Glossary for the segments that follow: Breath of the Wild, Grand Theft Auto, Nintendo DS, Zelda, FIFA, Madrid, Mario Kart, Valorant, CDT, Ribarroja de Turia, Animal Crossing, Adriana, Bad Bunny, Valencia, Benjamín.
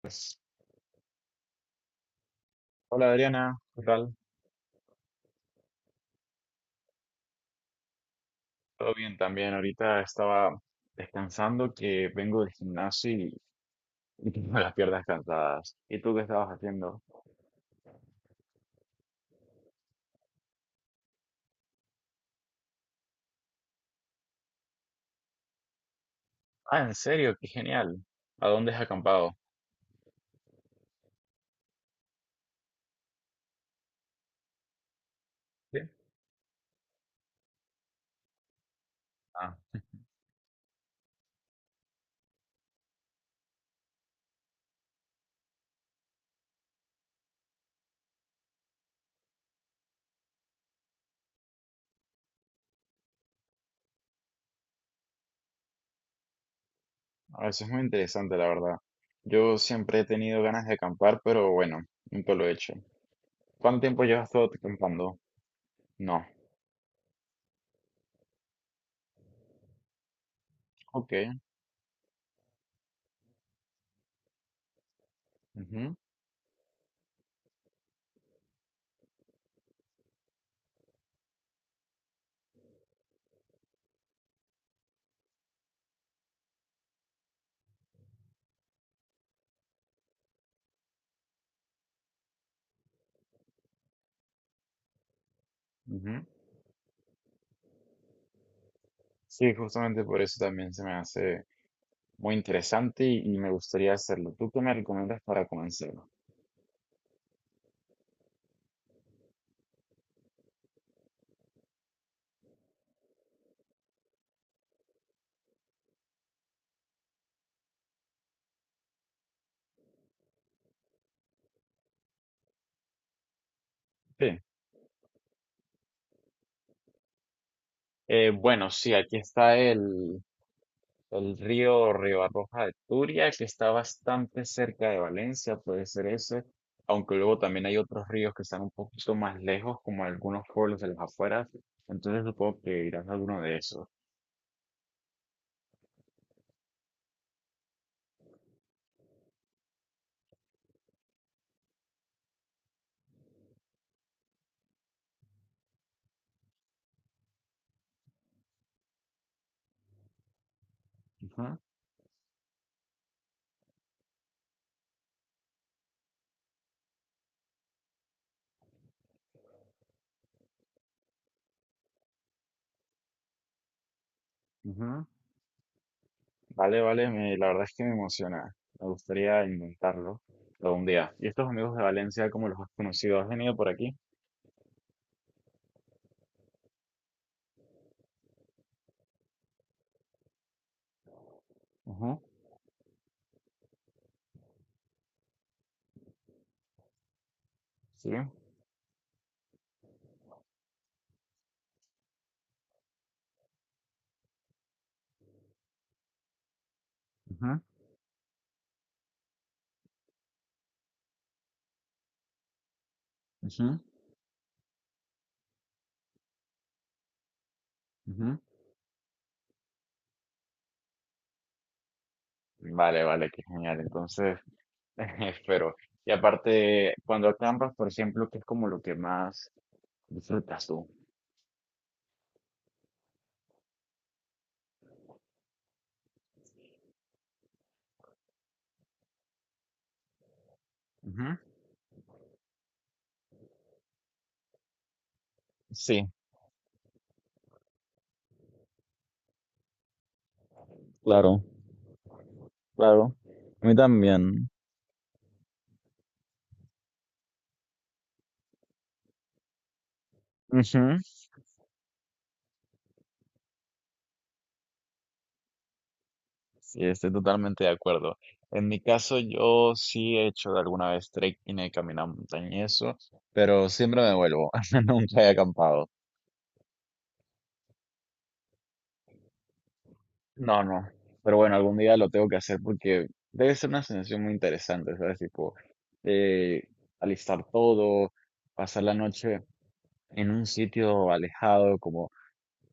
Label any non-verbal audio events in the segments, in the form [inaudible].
Pues, hola Adriana, ¿qué tal? Todo bien también. Ahorita estaba descansando que vengo del gimnasio y [laughs] tengo las piernas cansadas. ¿Y tú qué estabas haciendo? Ah, en serio, qué genial. ¿A dónde has acampado? Sí. Ah, ah, eso es muy interesante, la verdad. Yo siempre he tenido ganas de acampar, pero bueno, nunca lo he hecho. ¿Cuánto tiempo llevas todo acampando? No. Ok. Ujú, ujú. Sí, justamente por eso también se me hace muy interesante y me gustaría hacerlo. ¿Tú qué me recomiendas para comenzar? Sí. Bueno, sí, aquí está el río Ribarroja de Turia, que está bastante cerca de Valencia, puede ser ese, aunque luego también hay otros ríos que están un poquito más lejos, como algunos pueblos de las afueras, entonces supongo que irás a alguno de esos. Ujú, ujú. Vale, vale, me- la verdad es que me emociona, me gustaría intentarlo algún día. ¿Y estos amigos de Valencia, cómo los has conocido? ¿Has venido por aquí? Ujú, sí. Ujú, ujú, ujú. Vale, vale, qué genial. Entonces... [laughs] Espero. Y aparte, cuando acampas, por ejemplo, que es como lo que más disfrutas tú? Ujú. Sí, claro, claro. A mí también. Ujú. Sí, estoy totalmente de acuerdo. En mi caso, yo sí he hecho de alguna vez trekking, he caminado montaña y eso, pero siempre me vuelvo. [laughs] Nunca he acampado. No, no. Pero bueno, algún día lo tengo que hacer porque debe ser una sensación muy interesante, ¿sabes? Tipo, eh, alistar todo, pasar la noche en un sitio alejado, como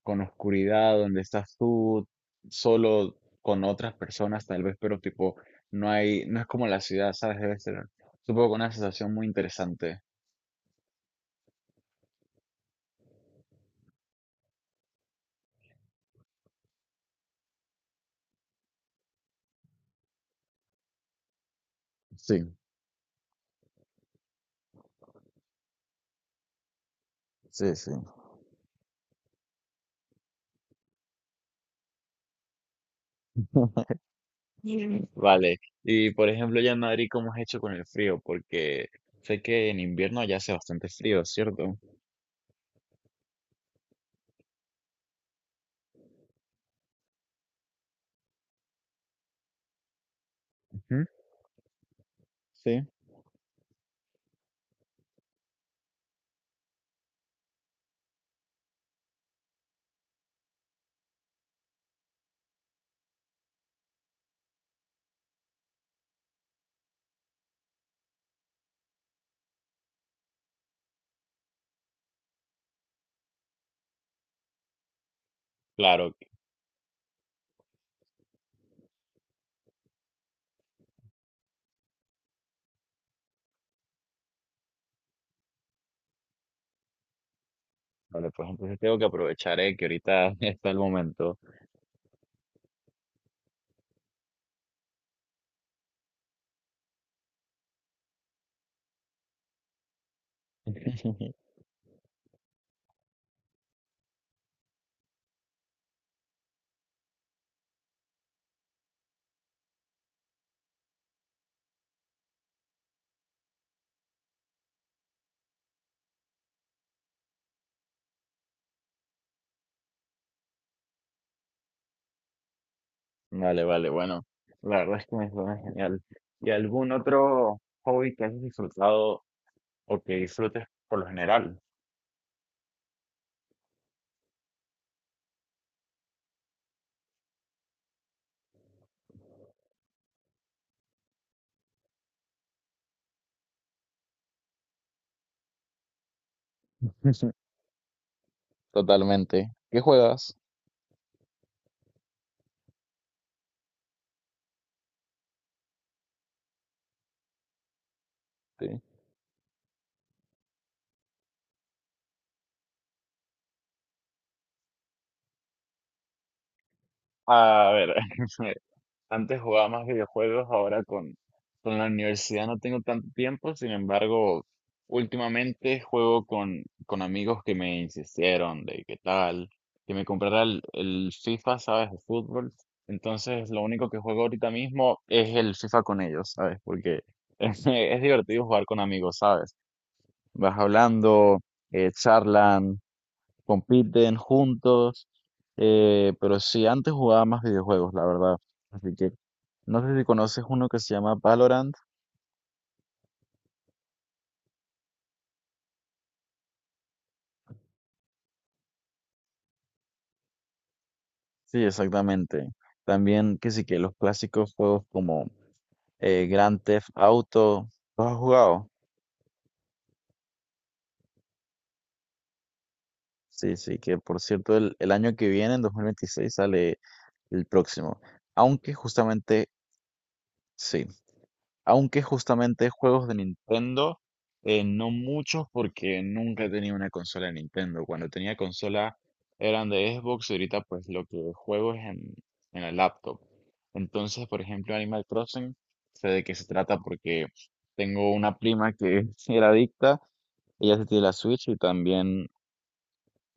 con oscuridad, donde estás tú solo con otras personas tal vez, pero tipo, no es como la ciudad, ¿sabes? Debe ser, supongo, una sensación muy interesante. Sí, sí, sí. [laughs] Mm. Vale, y por ejemplo, ya en Madrid, ¿cómo has hecho con el frío? Porque sé que en invierno ya hace bastante frío, ¿cierto? Ujú, sí, claro. Vale, pues entonces tengo que aprovechar, que ahorita [laughs] está el momento. [laughs] Vale, vale, bueno, la verdad es que me suena genial. ¿Y algún otro hobby que hayas disfrutado o que disfrutes por lo general? [laughs] Totalmente. ¿Qué juegas? Sí. A ver, [laughs] antes jugaba más videojuegos, ahora con la universidad no tengo tanto tiempo. Sin embargo, últimamente juego con amigos que me insistieron de qué tal, que me comprara el FIFA, ¿sabes? De fútbol. Entonces, lo único que juego ahorita mismo es el FIFA con ellos, ¿sabes? Porque [laughs] es divertido jugar con amigos, ¿sabes? Vas hablando, charlan, compiten juntos, pero sí, antes jugaba más videojuegos, la verdad. Así que no sé si conoces uno que se llama Valorant. Sí, exactamente. También que sí, que los clásicos juegos como Grand Theft Auto, ¿los has jugado? Sí, sí, que por cierto el año que viene, en 2026, sale el próximo. Aunque justamente sí. Aunque justamente juegos de Nintendo, no muchos porque nunca he tenido una consola de Nintendo. Cuando tenía consola eran de Xbox y ahorita pues lo que juego es en la laptop. Entonces, por ejemplo, Animal Crossing, sé de qué se trata porque tengo una prima que [laughs] era adicta, ella se tiene la Switch y también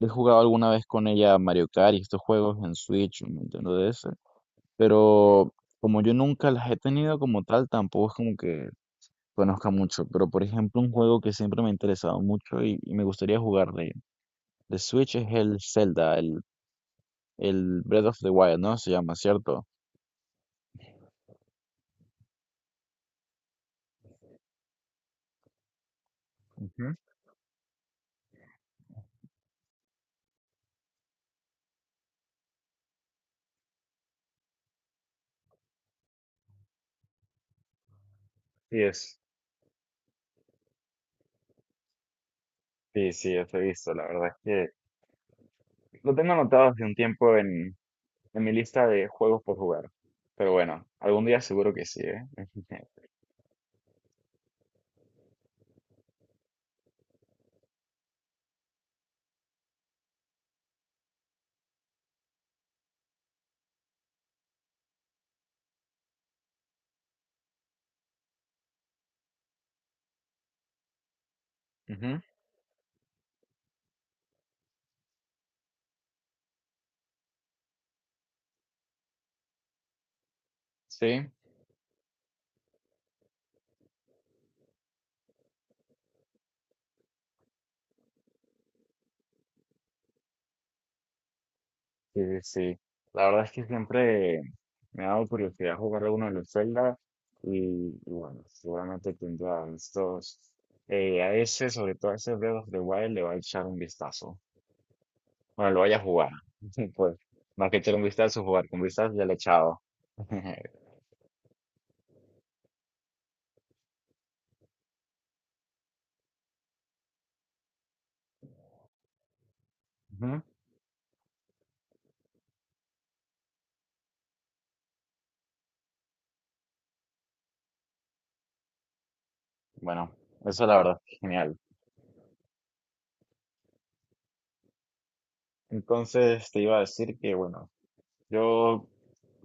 he jugado alguna vez con ella Mario Kart y estos juegos en Switch, en Nintendo DS, pero como yo nunca las he tenido como tal, tampoco es como que conozca mucho. Pero por ejemplo un juego que siempre me ha interesado mucho y me gustaría jugar de Switch es el Zelda, el Breath of the Wild, ¿no? Se llama, ¿cierto? Ujú, sí, es. Sí, sí, yo lo he visto. La verdad es que lo tengo anotado hace un tiempo en mi lista de juegos por jugar. Pero bueno, algún día seguro que sí, ¿eh? [laughs] Ujú, sí. Sí, sí. La verdad es que siempre me ha dado curiosidad jugar a uno de los Zelda y, y bueno, seguramente tendrá estos, a ese, sobre todo a ese Breath of the Wild, le va a echar un vistazo. Bueno, lo vaya a jugar. [laughs] Pues, más que echar un vistazo, jugar con vistas ya le he echado. [laughs] Ujú. Bueno, eso la verdad es genial. Entonces te iba a decir que, bueno, yo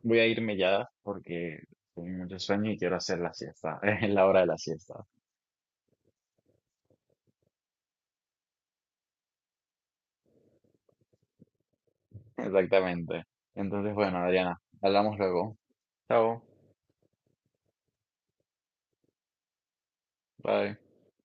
voy a irme ya porque tengo mucho sueño y quiero hacer la siesta. [laughs] Es la hora de la siesta. Exactamente. Entonces, bueno, Adriana, hablamos luego. Chao. Bye.